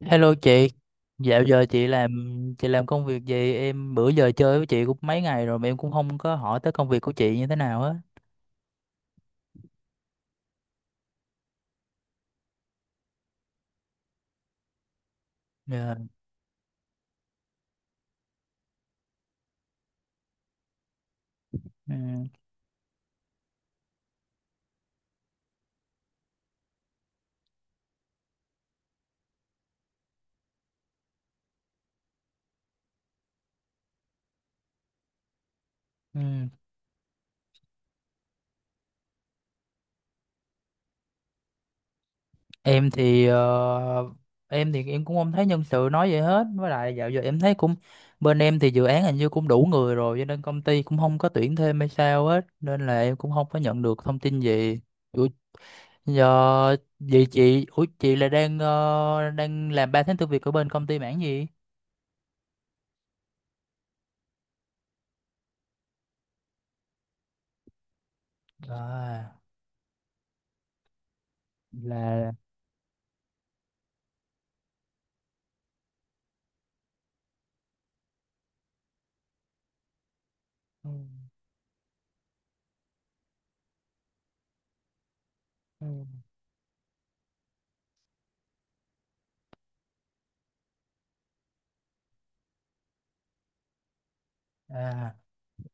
Hello chị, dạo giờ chị làm công việc gì? Em bữa giờ chơi với chị cũng mấy ngày rồi mà em cũng không có hỏi tới công việc của chị như thế nào á. Dạ. Ừ. Ừ. Em thì em thì em cũng không thấy nhân sự nói vậy hết. Với lại dạo giờ em thấy cũng bên em thì dự án hình như cũng đủ người rồi, cho nên công ty cũng không có tuyển thêm hay sao hết, nên là em cũng không có nhận được thông tin gì. Ủa, giờ vậy chị, ủa chị là đang đang làm ba tháng tư việc ở bên công ty mảng gì? À. Là à,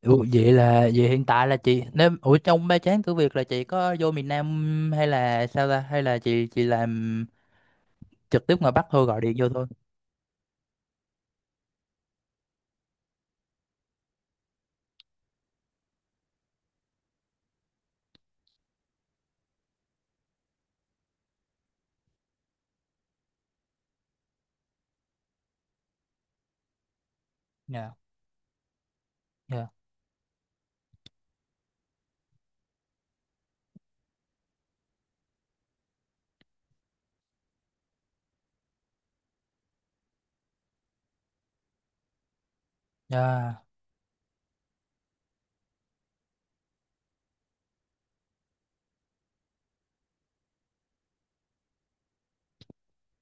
ủa, vậy là vậy hiện tại là chị, nếu ủa trong ba chán cửa Việt là chị có vô miền Nam hay là sao ta, hay là chị làm trực tiếp ngoài Bắc thôi, gọi điện vô thôi. Dạ. Dạ. Dạ.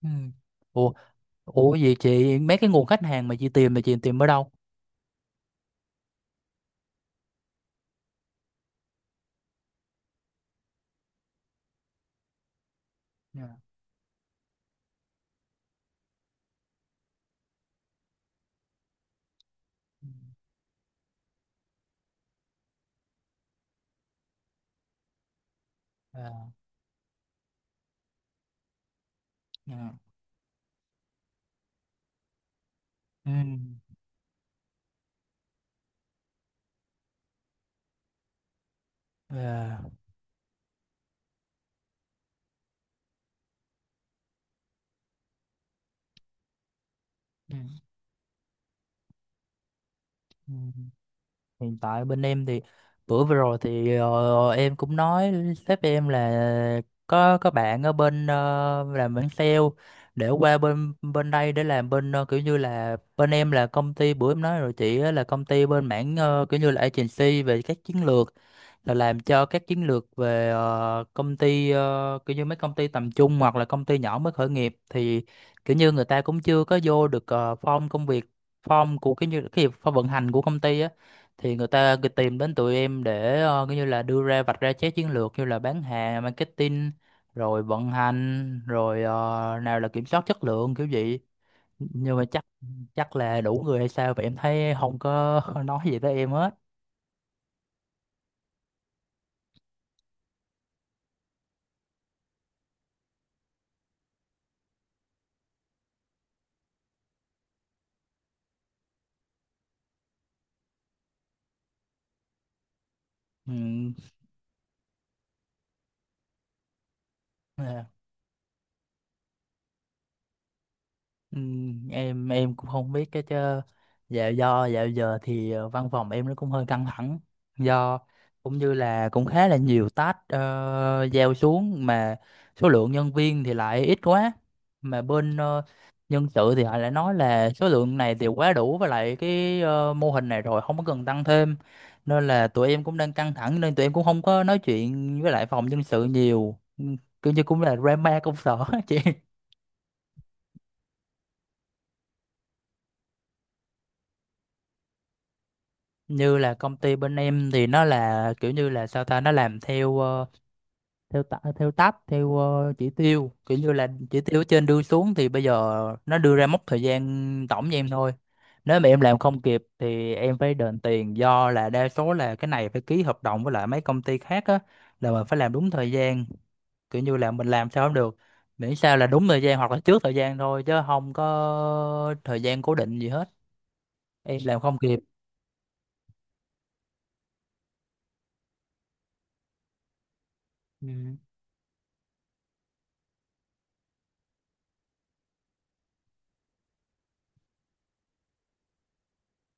Ừ. Ủa, ủa vậy chị mấy cái nguồn khách hàng mà chị tìm là chị tìm ở đâu? Dạ. Ừ. Dạ. Dạ. Ừ. Dạ. Ừ. Hiện tại bên em thì bữa vừa rồi thì em cũng nói sếp em là có bạn ở bên làm bên sale để qua bên bên đây để làm bên kiểu như là bên em, là công ty bữa em nói rồi chị á, là công ty bên mảng kiểu như là agency về các chiến lược, là làm cho các chiến lược về công ty kiểu như mấy công ty tầm trung hoặc là công ty nhỏ mới khởi nghiệp thì kiểu như người ta cũng chưa có vô được form công việc, form của cái như cái form vận hành của công ty á, thì người ta cứ tìm đến tụi em để kiểu như là đưa ra vạch ra trái chiến lược như là bán hàng marketing rồi vận hành rồi nào là kiểm soát chất lượng kiểu vậy. Nhưng mà chắc, chắc là đủ người hay sao vậy, em thấy không có nói gì tới em hết. Ừ. Ừ, em cũng không biết cái chứ. Dạo do dạo giờ thì văn phòng em nó cũng hơi căng thẳng, do cũng như là cũng khá là nhiều task giao xuống mà số lượng nhân viên thì lại ít quá, mà bên nhân sự thì họ lại nói là số lượng này thì quá đủ với lại cái mô hình này rồi, không có cần tăng thêm, nên là tụi em cũng đang căng thẳng nên tụi em cũng không có nói chuyện với lại phòng nhân sự nhiều. Ừ, kiểu như cũng là drama công sở chị. Như là công ty bên em thì nó là kiểu như là sao ta, nó làm theo theo ta, theo tab theo chỉ tiêu, kiểu như là chỉ tiêu ở trên đưa xuống, thì bây giờ nó đưa ra mốc thời gian tổng cho em thôi. Nếu mà em làm không kịp thì em phải đền tiền, do là đa số là cái này phải ký hợp đồng với lại mấy công ty khác á, là mình phải làm đúng thời gian. Kiểu như là mình làm sao không được, miễn sao là đúng thời gian hoặc là trước thời gian thôi, chứ không có thời gian cố định gì hết. Em làm không kịp. Ừ.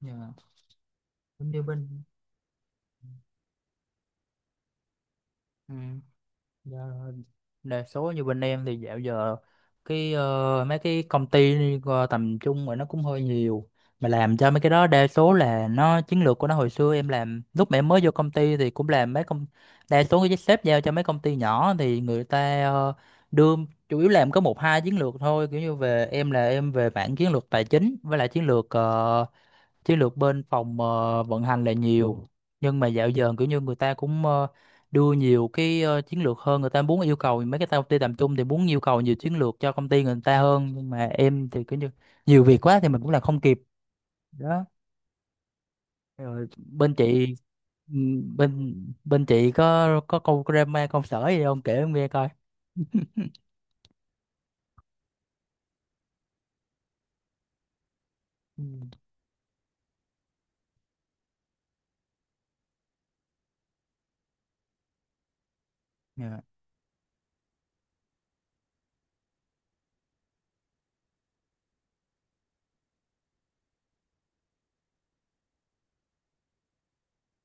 Dạ. Cũng như bên. Ừ. Dạ, đa số như bên em thì dạo giờ cái mấy cái công ty tầm trung rồi nó cũng hơi nhiều, mà làm cho mấy cái đó đa số là nó chiến lược của nó. Hồi xưa em làm lúc mà em mới vô công ty thì cũng làm mấy công, đa số cái sếp giao cho mấy công ty nhỏ thì người ta đưa chủ yếu làm có một hai chiến lược thôi, kiểu như về em là em về mảng chiến lược tài chính với lại chiến lược chiến lược bên phòng vận hành là nhiều. Nhưng mà dạo giờ kiểu như người ta cũng đưa nhiều cái chiến lược hơn, người ta muốn yêu cầu mấy cái công ty tầm trung thì muốn yêu cầu nhiều chiến lược cho công ty người ta hơn, nhưng mà em thì kiểu như nhiều việc quá thì mình cũng làm không kịp đó. Rồi bên chị, ừ, bên bên chị có câu drama công sở gì không kể em nghe coi? Ừ. Dạ.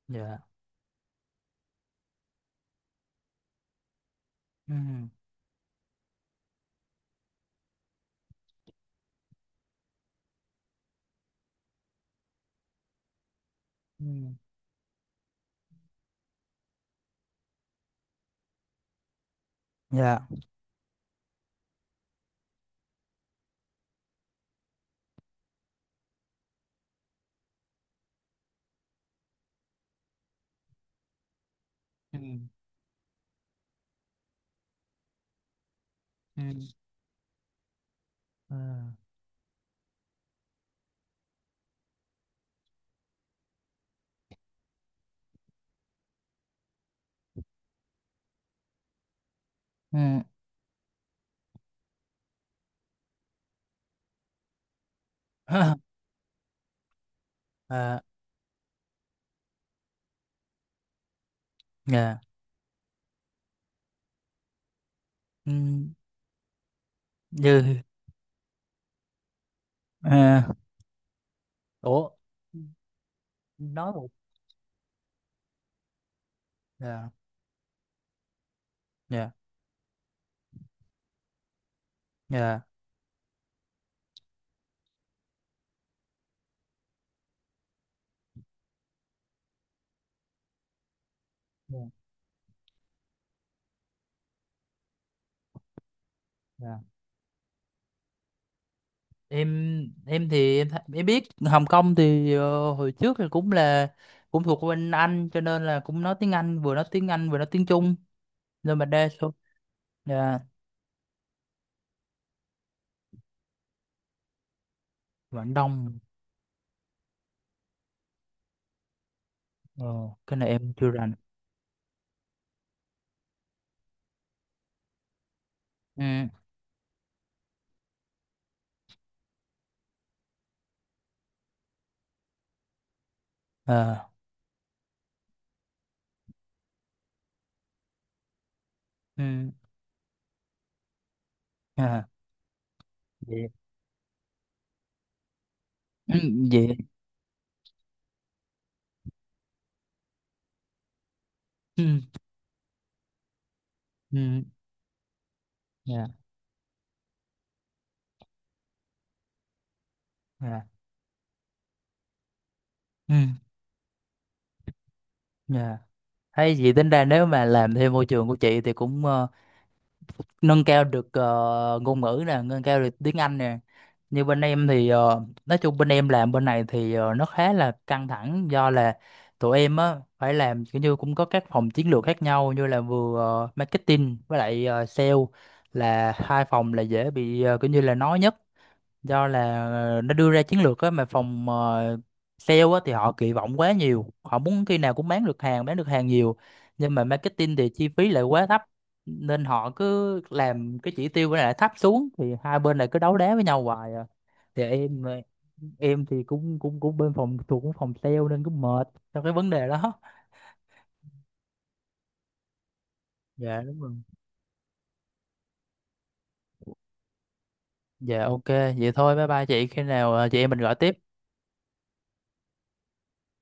Dạ. Ừ. Ừ. Dạ. Ừ. Ừ. Ờ. Ừ. À. Dạ. Ừ. Như. À, ủa nói một. Dạ. Dạ. Dạ. Dạ. Dạ. Em em biết Hồng Kông thì hồi trước thì cũng là cũng thuộc bên Anh, cho nên là cũng nói tiếng Anh, vừa nói tiếng Anh vừa nói tiếng Trung, nên mà đa số. Dạ. Quảng Đông. Ờ, cái này em chưa rành. Ừ. Ờ. Ừ. À. Vậy. Vậy. Ừ. Ừ. Dạ. Dạ. Ừ. Dạ. Hay gì, tính ra nếu mà làm thêm môi trường của chị thì cũng nâng cao được ngôn ngữ nè, nâng cao được tiếng Anh nè. Như bên em thì nói chung bên em làm bên này thì nó khá là căng thẳng, do là tụi em á phải làm, kiểu như cũng có các phòng chiến lược khác nhau, như là vừa marketing với lại sale là hai phòng là dễ bị kiểu như là nói nhất, do là nó đưa ra chiến lược á, mà phòng sale á thì họ kỳ vọng quá nhiều, họ muốn khi nào cũng bán được hàng, bán được hàng nhiều, nhưng mà marketing thì chi phí lại quá thấp, nên họ cứ làm cái chỉ tiêu lại thấp xuống thì hai bên lại cứ đấu đá với nhau hoài à. Thì em em thì cũng cũng cũng bên phòng thuộc cũng phòng sale, nên cũng mệt trong cái vấn đề đó. Dạ đúng rồi. Dạ ok. Vậy thôi bye bye chị, khi nào chị em mình gọi tiếp.